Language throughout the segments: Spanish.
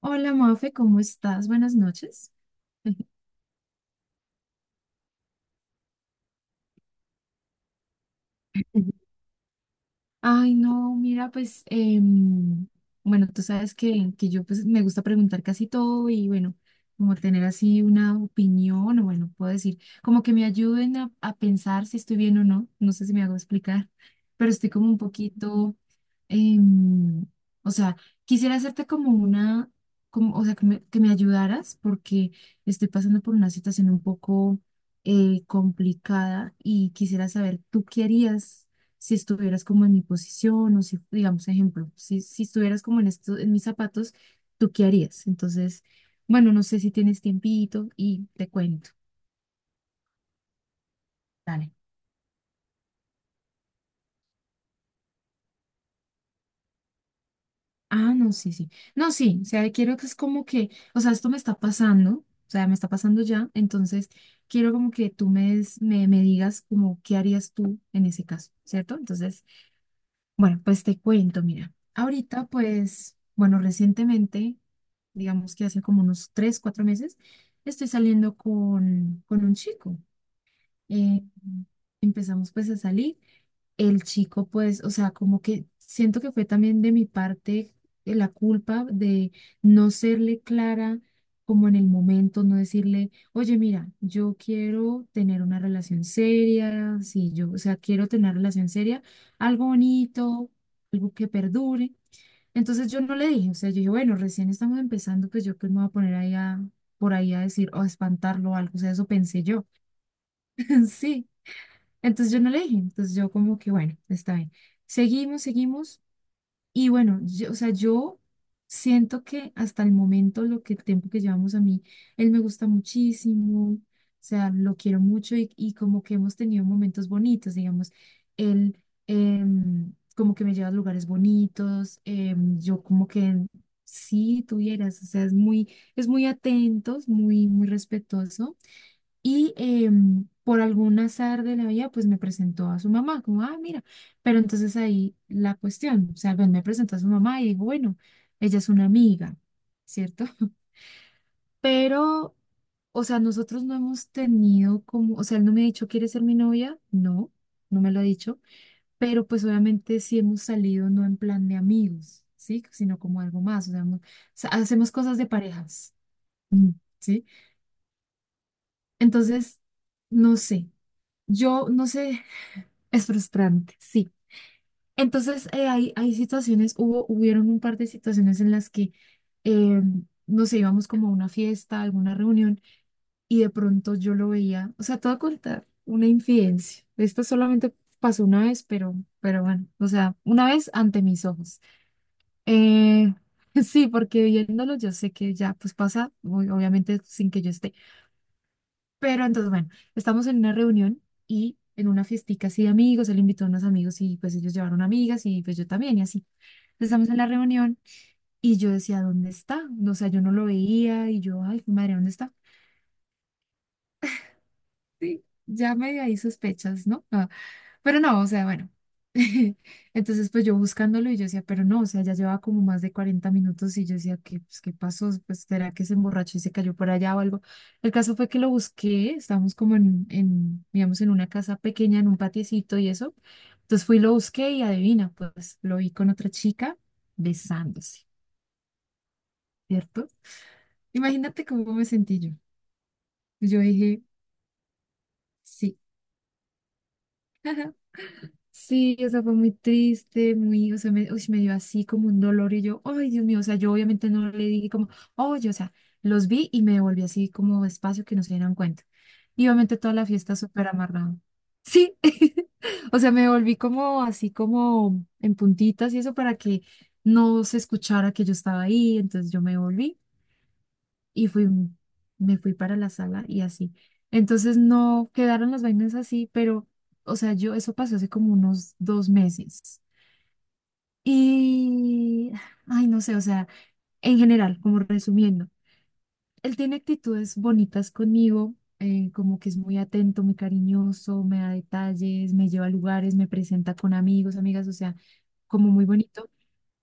Hola Mafe, ¿cómo estás? Buenas noches. Ujú. Ay, no, mira, pues, bueno, tú sabes que yo pues me gusta preguntar casi todo y bueno, como tener así una opinión o bueno, puedo decir, como que me ayuden a pensar si estoy bien o no, no sé si me hago explicar, pero estoy como un poquito, em, o sea, quisiera hacerte como una, como, o sea, que me ayudaras porque estoy pasando por una situación un poco complicada y quisiera saber, ¿tú qué harías? Si estuvieras como en mi posición o si, digamos, ejemplo, si estuvieras como en esto, en mis zapatos, ¿tú qué harías? Entonces, bueno, no sé si tienes tiempito y te cuento. Dale. Ah, no, sí, sí. No, sí, o sea, quiero que es como que, o sea, esto me está pasando, o sea, me está pasando ya, entonces quiero como que me, me digas como qué harías tú en ese caso, ¿cierto? Entonces, bueno, pues te cuento, mira, ahorita pues, bueno, recientemente digamos que hace como unos tres, cuatro meses, estoy saliendo con un chico. Eh, empezamos pues a salir. El chico pues, o sea, como que siento que fue también de mi parte la culpa de no serle clara como en el momento, no decirle, oye, mira, yo quiero tener una relación seria, sí, yo, o sea, quiero tener una relación seria, algo bonito, algo que perdure. Entonces yo no le dije, o sea, yo dije, bueno, recién estamos empezando, pues yo pues me voy a poner ahí a, por ahí a decir, o a espantarlo o algo, o sea, eso pensé yo. Sí, entonces yo no le dije, entonces yo como que, bueno, está bien. Seguimos, seguimos. Y bueno, yo, o sea, yo siento que hasta el momento, lo que el tiempo que llevamos a mí, él me gusta muchísimo, o sea, lo quiero mucho y como que hemos tenido momentos bonitos, digamos, él como que me lleva a lugares bonitos, yo como que sí tuvieras, o sea, es muy atento, es muy, muy respetuoso. Y por algún azar de la vida, pues me presentó a su mamá, como, ah, mira, pero entonces ahí la cuestión, o sea, pues me presentó a su mamá y digo, bueno, ella es una amiga, ¿cierto? Pero, o sea, nosotros no hemos tenido como, o sea, él no me ha dicho, ¿quieres ser mi novia? No, no me lo ha dicho, pero pues obviamente sí hemos salido no en plan de amigos, ¿sí? Sino como algo más, o sea, hemos- o sea, hacemos cosas de parejas, mm, ¿sí? Entonces, no sé, yo no sé, es frustrante, sí. Entonces, hay situaciones, hubo, hubieron un par de situaciones en las que, eh, no sé, íbamos como a una fiesta, a alguna reunión, y de pronto yo lo veía, o sea, te voy a contar una infidencia. Esto solamente pasó una vez, pero bueno, o sea, una vez ante mis ojos. Eh, sí, porque viéndolo yo sé que ya, pues pasa, obviamente sin que yo esté pero entonces, bueno, estamos en una reunión y en una fiestica así de amigos, él invitó a unos amigos y pues ellos llevaron amigas y pues yo también y así. Entonces, estamos en la reunión y yo decía, ¿dónde está? O sea, yo no lo veía y yo, ay, madre, ¿dónde está? Sí, ya medio ahí sospechas, ¿no? Ah, pero no, o sea, bueno. Entonces, pues yo buscándolo y yo decía, pero no, o sea, ya llevaba como más de 40 minutos y yo decía, ¿qué, pues, qué pasó? Pues será que se emborrachó y se cayó por allá o algo. El caso fue que lo busqué, estábamos como digamos, en una casa pequeña, en un patiecito y eso. Entonces fui y lo busqué y adivina, pues lo vi con otra chica besándose, ¿cierto? Imagínate cómo me sentí yo. Yo dije, sí. Sí, o sea, fue muy triste, muy, o sea, me, uy, me dio así como un dolor y yo, ay, Dios mío, o sea, yo obviamente no le dije como, oye, o sea, los vi y me devolví así como espacio que no se dieran cuenta. Y obviamente toda la fiesta súper amarrada. Sí, o sea, me volví como así como en puntitas y eso para que no se escuchara que yo estaba ahí, entonces yo me volví y fui, me fui para la sala y así. Entonces no quedaron las vainas así, pero, o sea, yo, eso pasó hace como unos dos meses. Y, ay, no sé, o sea, en general, como resumiendo, él tiene actitudes bonitas conmigo, como que es muy atento, muy cariñoso, me da detalles, me lleva a lugares, me presenta con amigos, amigas, o sea, como muy bonito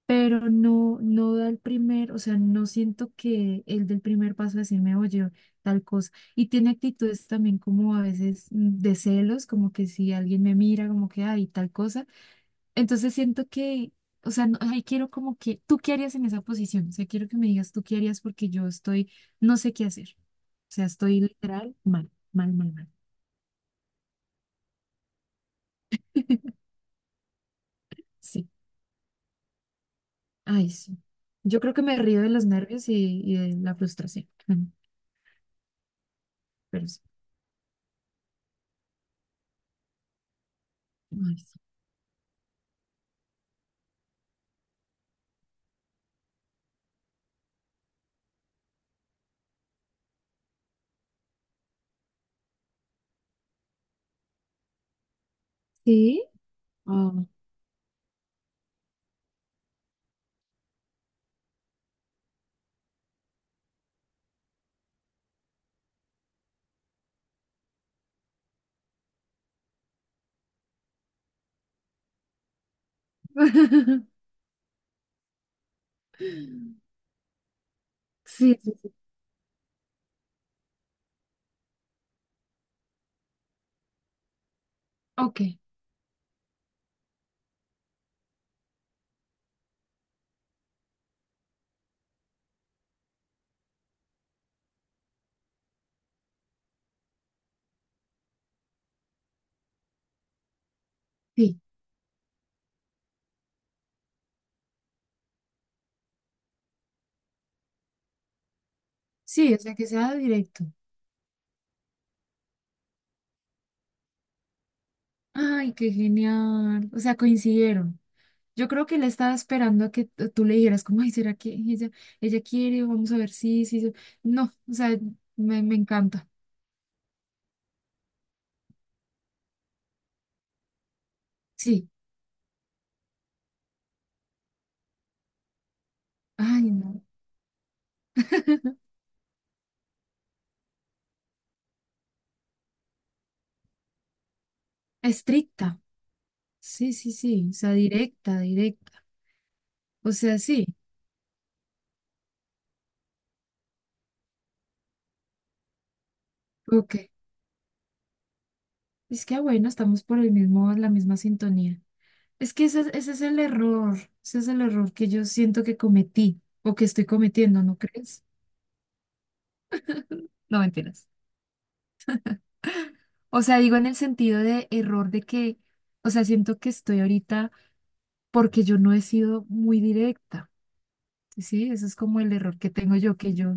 pero no, no da el primer, o sea, no siento que él del primer paso a decirme, oye, tal cosa. Y tiene actitudes también como a veces mm, de celos, como que si alguien me mira, como que, ay, tal cosa. Entonces siento que, o sea, no, ay, quiero como que, ¿tú qué harías en esa posición? O sea, quiero que me digas, ¿tú qué harías? Porque yo estoy, no sé qué hacer. O sea, estoy literal mal, mal, mal, mal. Sí, ay, sí. Yo creo que me río de los nervios y de la frustración. Bueno, pero sí. Ay, sí. ¿Sí? Oh. Sí, sí, sí. Ok, sí. Sí, o sea, que sea directo. Ay, qué genial. O sea, coincidieron. Yo creo que él estaba esperando a que tú le dijeras, como, ay, ¿será que ella quiere? Vamos a ver si, sí, sí. No, o sea, me encanta. Sí. Ay, no. Estricta. Sí, sí, sí. O sea, directa, directa. O sea, sí. Ok. Es que, ah, bueno, estamos por el mismo, la misma sintonía. Es que ese es el error, ese es el error que yo siento que cometí o que estoy cometiendo, ¿no crees? No, mentiras. O sea, digo en el sentido de error de que, o sea, siento que estoy ahorita porque yo no he sido muy directa, ¿sí? Eso es como el error que tengo yo, que yo,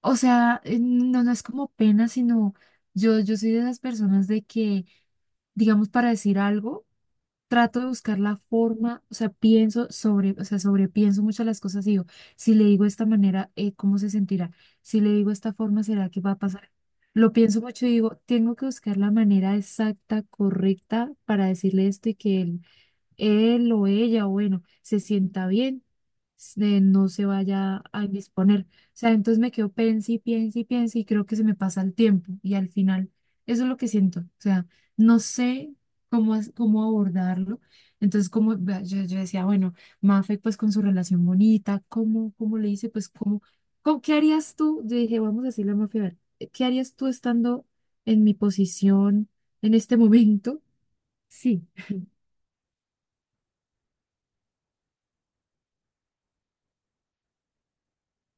o sea, no, no es como pena, sino yo soy de esas personas de que, digamos, para decir algo. Trato de buscar la forma, o sea, pienso sobre, o sea, sobrepienso muchas las cosas y digo, si le digo de esta manera, ¿cómo se sentirá? Si le digo de esta forma, ¿será que va a pasar? Lo pienso mucho y digo, tengo que buscar la manera exacta, correcta para decirle esto y que él o ella, bueno, se sienta bien, no se vaya a indisponer. O sea, entonces me quedo pensando y pienso y pienso y creo que se me pasa el tiempo y al final eso es lo que siento. O sea, no sé cómo, cómo abordarlo. Entonces, como vea, yo decía, bueno, Mafe, pues con su relación bonita, ¿cómo le hice? Pues, ¿qué harías tú? Yo dije, vamos a decirle a Mafe, a ver, ¿qué harías tú estando en mi posición en este momento? Sí.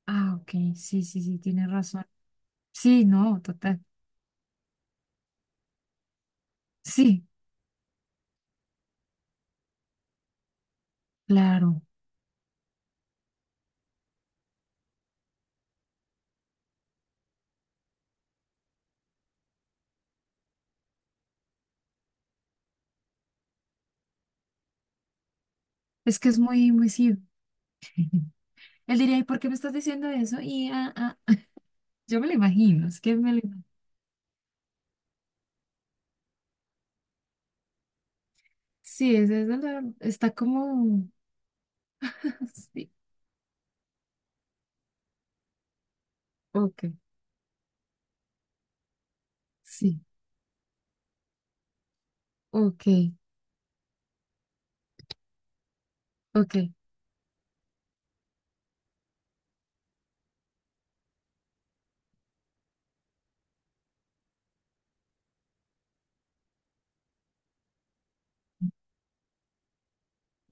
Ah, ok, sí, sí, sí, tienes razón. Sí, no, total. Sí, claro. Es que es muy, muy sí. Él diría, ¿y por qué me estás diciendo eso? Y ah, ah, ah". Yo me lo imagino, es que me lo imagino. Sí, es de está como. Sí, ok, sí, ok, ok.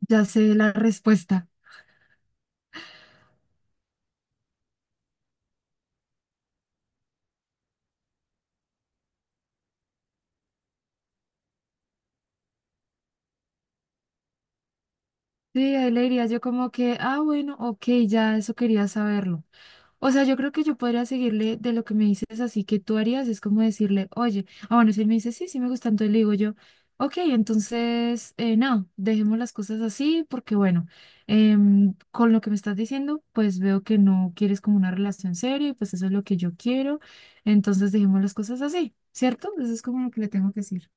Ya sé la respuesta. Sí, ahí le diría yo como que, ah, bueno, ok, ya eso quería saberlo. O sea, yo creo que yo podría seguirle de lo que me dices así que tú harías, es como decirle, oye, ah, bueno, si él me dice, sí, sí me gusta, entonces le digo yo, ok, entonces, no, dejemos las cosas así porque, bueno, con lo que me estás diciendo, pues veo que no quieres como una relación seria y pues eso es lo que yo quiero, entonces dejemos las cosas así, ¿cierto? Eso es como lo que le tengo que decir.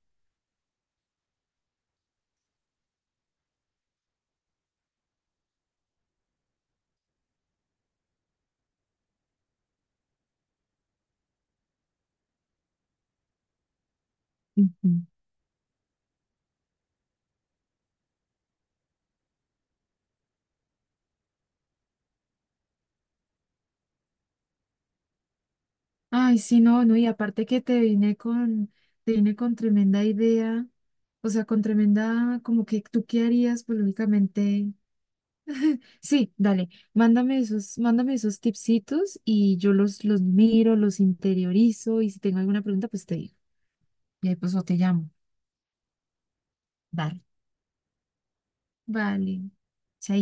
Ujú. Ay, sí, no, no, y aparte que te vine con tremenda idea, o sea, con tremenda, como que tú qué harías, pues lógicamente, sí, dale, mándame esos tipsitos y yo los miro, los interiorizo y si tengo alguna pregunta, pues te digo, y ahí pues o te llamo, dale, vale, chaito.